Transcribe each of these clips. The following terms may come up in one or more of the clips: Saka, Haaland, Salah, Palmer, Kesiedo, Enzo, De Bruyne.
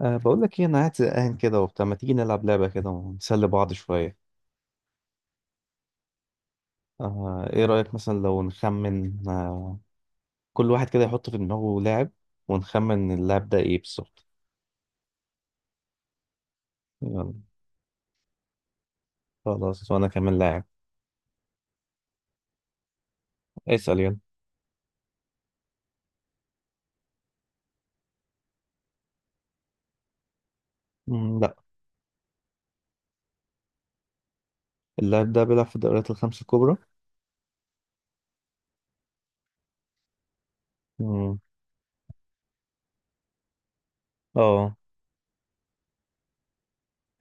بقول لك ايه، انا قاعد زهقان كده وبتاع، ما تيجي نلعب لعبة كده ونسلي بعض شوية؟ ايه رأيك مثلا لو نخمن؟ كل واحد كده يحط في دماغه لاعب، ونخمن اللاعب ده ايه بالظبط. يلا. خلاص، وانا كمان لاعب. اسأل يلا. مم، لا. اللاعب ده بيلعب في الدوريات الخمس الكبرى؟ مم، اه،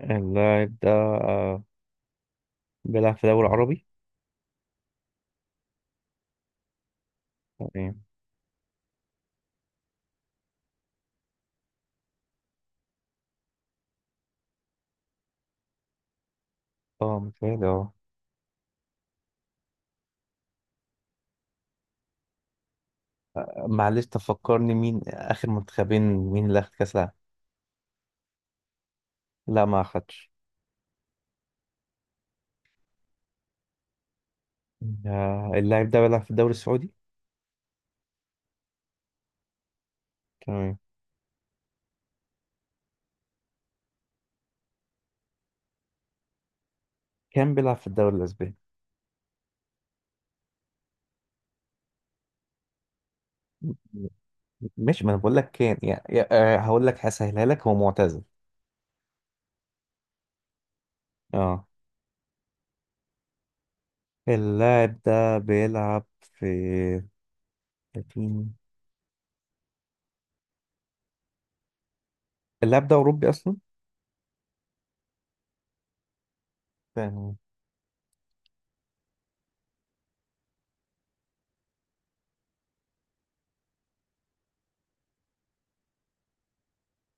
اللاعب ده أه بيلعب في الدوري العربي؟ تمام. اه، متهيألي اه. معلش، تفكرني مين آخر منتخبين، مين اللي أخد كأس العالم؟ لا، ما أخدش. آه، اللاعب ده بيلعب في الدوري السعودي. تمام. كان بيلعب في الدوري الاسباني. مش، ما انا بقول لك كان يعني. آه، هقول لك، هسهلها لك، هو معتزل. اه. اللاعب ده بيلعب في لكن- اللاعب ده اوروبي اصلا. تمام.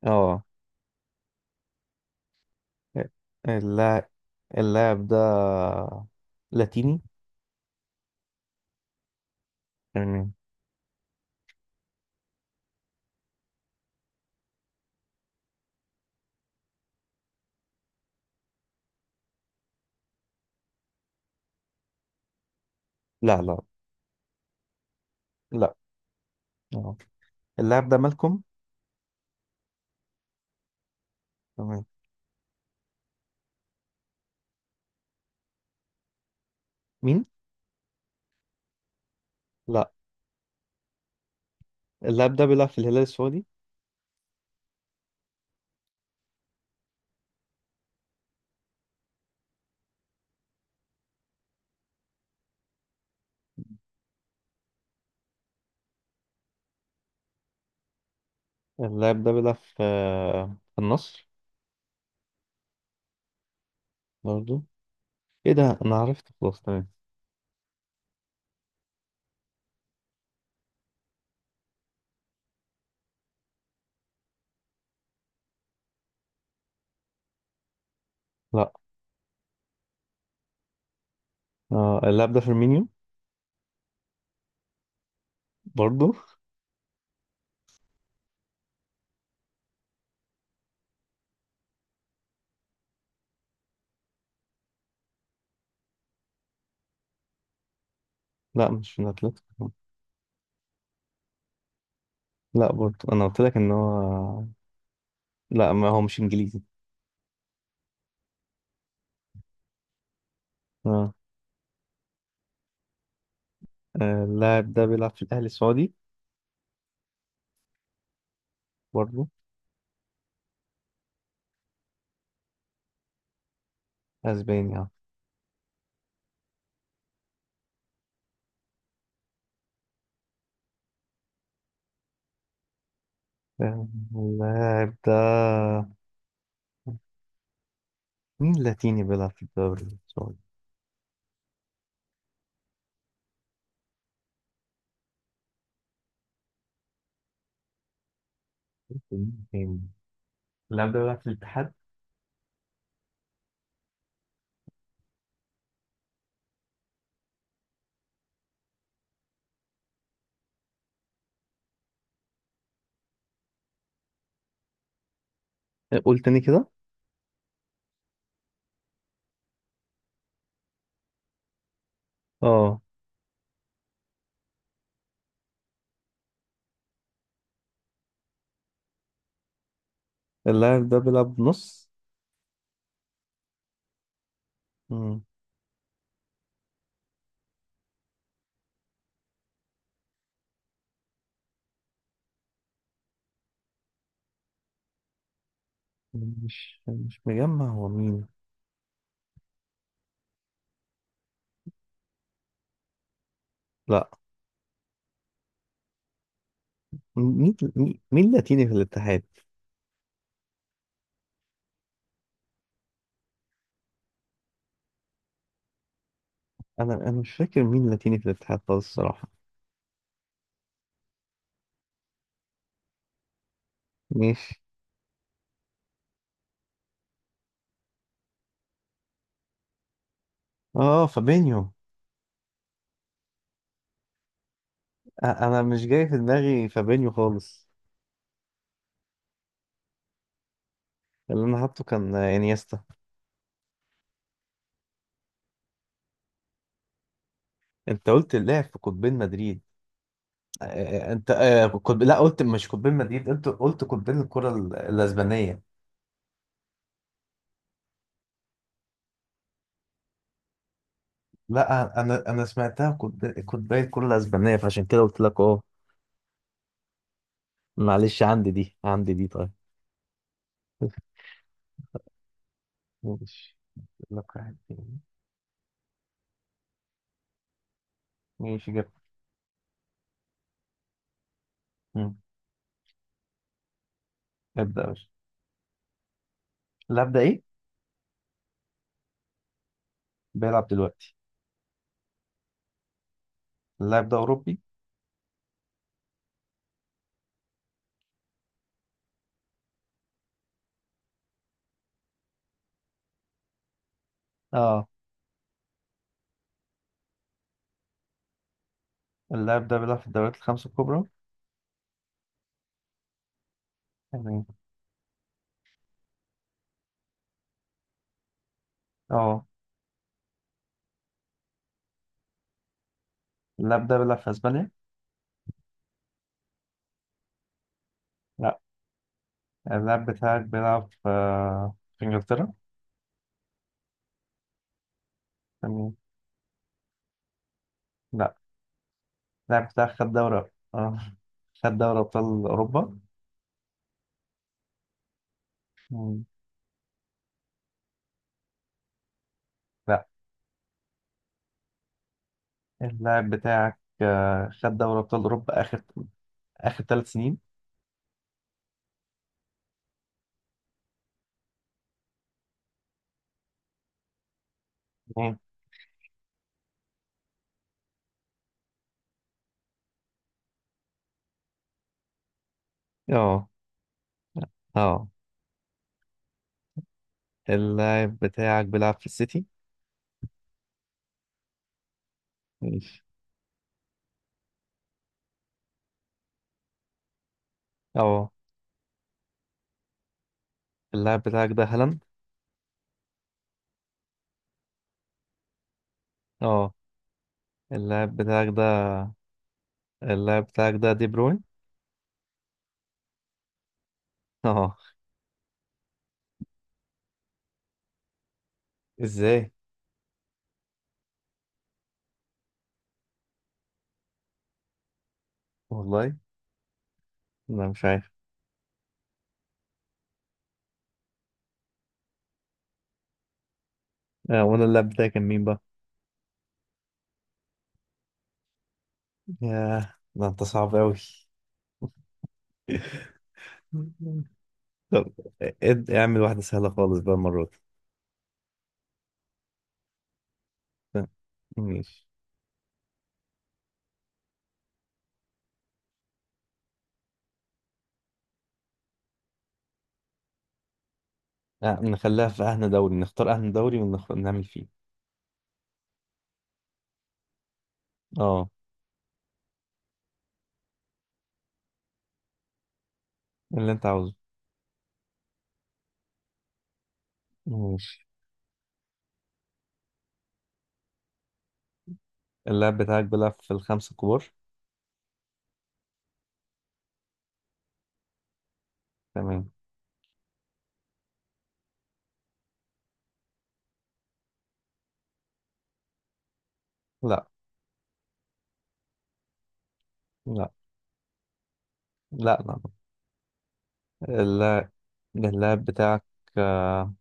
اه، اللاعب اللاعب ده لاتيني. تمام. لا، لا، لا. اه، اللاعب ده مالكم؟ تمام. مين؟ لا، اللاعب ده بيلعب في الهلال السعودي. اللاعب ده بيلعب في النصر. برضه؟ ايه ده، انا عرفت، خلاص، تمام. لا. آه، اللاعب ده فيرمينيو. برضو. لا، مش من اتلتيكو. لا، برضو، انا قلت لك ان هو. لا، ما هو مش انجليزي. اه. آه، اللاعب ده بيلعب في الاهلي السعودي. برضو. اسباني اه. آه، اللاعب ده، مين لاتيني بيلعب في الدوري السعودي؟ مين تاني؟ اللاعب ده بيلعب في الاتحاد. آه، قول تاني كده. اه، اللاعب ده بيلعب نص. مم. مش مجمع هو مين. لا. مين لاتيني في الاتحاد. انا مش فاكر مين لاتيني في الاتحاد خالص الصراحه. ماشي. اه، فابينيو. انا مش جاي في دماغي فابينيو خالص. اللي انا حاطه كان انيستا. انت قلت اللاعب في قطبين مدريد. انت، لا، قلت مش قطبين مدريد، قلت قطبين الكره الاسبانيه. لا، انا سمعتها قطبين الكره الاسبانيه، فعشان كده قلت لك اه. معلش، عندي دي طيب. ماشي. أقول لك واحد تاني. ماشي، جبت. مم. ابدا يا باشا. اللاعب ده ايه؟ بيلعب دلوقتي. اللاعب ده اوروبي؟ اه. اللاعب ده بيلعب في الدوريات الخمس الكبرى؟ يعني. اه، اللاعب ده بيلعب في اسبانيا؟ لا. اللاعب بتاعك بيلعب في انجلترا. تمام. لا، اللاعب بتاعك خد دوري؟ اه، خد دوري ابطال اوروبا. مم. لا، اللاعب بتاعك خد دوري ابطال اوروبا اخر 3 سنين. مم. اه. اه، اللاعب بتاعك بيلعب في السيتي؟ ماشي. اه، اللاعب بتاعك ده هالاند. اه، اللاعب بتاعك ده اللاعب بتاعك ده دي بروين. اه. ازاي؟ والله انا مش عارف. آه، وانا اللاب بتاعي كان مين بقى؟ ياه، ده انت صعب قوي. طب اعمل واحدة سهلة خالص بقى المرة دي. ف- ماشي. آه، نخليها في أهنى دوري، نختار أهنى دوري ونعمل فيه. اه، اللي انت عاوزه. ماشي. اللاعب بتاعك بيلعب في الخمسة الكبار. تمام. لا، لا، لا، لا. اللاعب اللاعب بتاعك آه،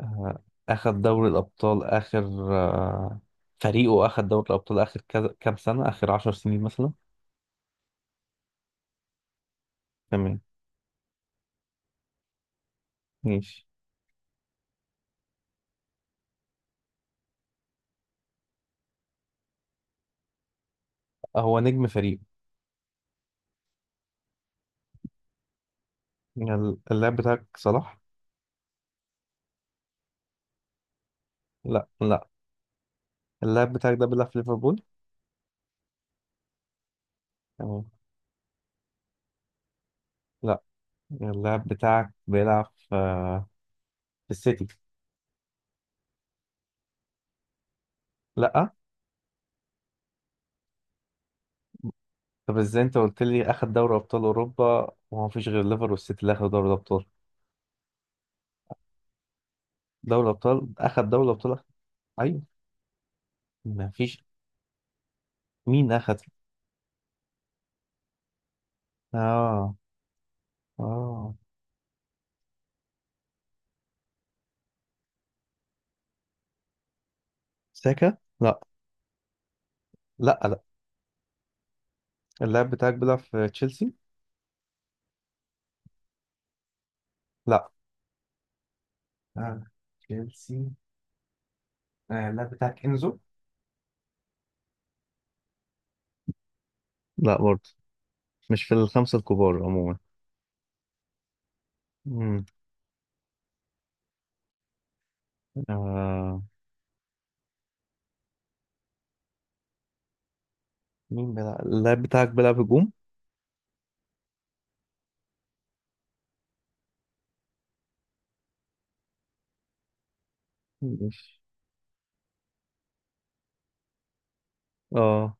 آه، أخد دوري الأبطال آخر، آه، فريقه أخد دوري الأبطال آخر كام سنة، آخر 10 سنين مثلا. تمام. ماشي. هو نجم فريقه؟ يعني اللاعب بتاعك صلاح. لا، لا. اللاعب بتاعك ده بيلعب في ليفربول. تمام. لا، اللاعب بتاعك بيلعب في السيتي. لا. طب ازاي انت قلت لي اخد دوري ابطال اوروبا، وما فيش غير ليفر والسيتي اللي اخدوا دوري الابطال، دوري الابطال؟ اخد دوري الابطال؟ ايوه. ما فيش. مين اخد؟ اه، اه. ساكا؟ لا. لا، لا. اللاعب بتاعك بيلعب في تشيلسي. لا. آه. تشيلسي. آه، اللاعب بتاعك انزو. لا، برضه. مش في الخمسة الكبار عموما. مم. آه. مين بيلعب؟ اللاعب بتاعك بيلعب هجوم؟ مش. اه.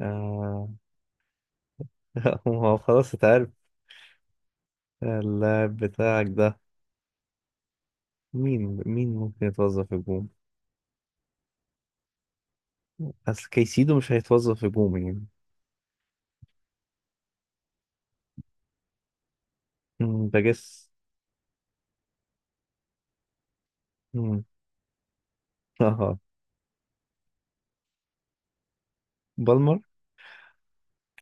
آه. هو خلاص اتعرف. اللاعب بتاعك ده، مين ممكن يتوظف هجوم؟ بس كيسيدو مش هيتوظف هجوم يعني. مم، بجس. مم. اه. بالمر.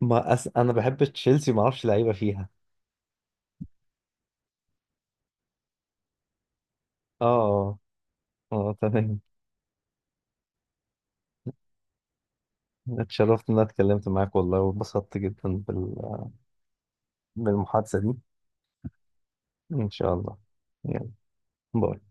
ما أس... انا بحب تشيلسي، ما اعرفش لعيبه فيها. اه، اه، اه، تمام. اتشرفت ان انا اتكلمت معاك والله، واتبسطت جدا بالمحادثة دي. ان شاء الله. يلا. باي.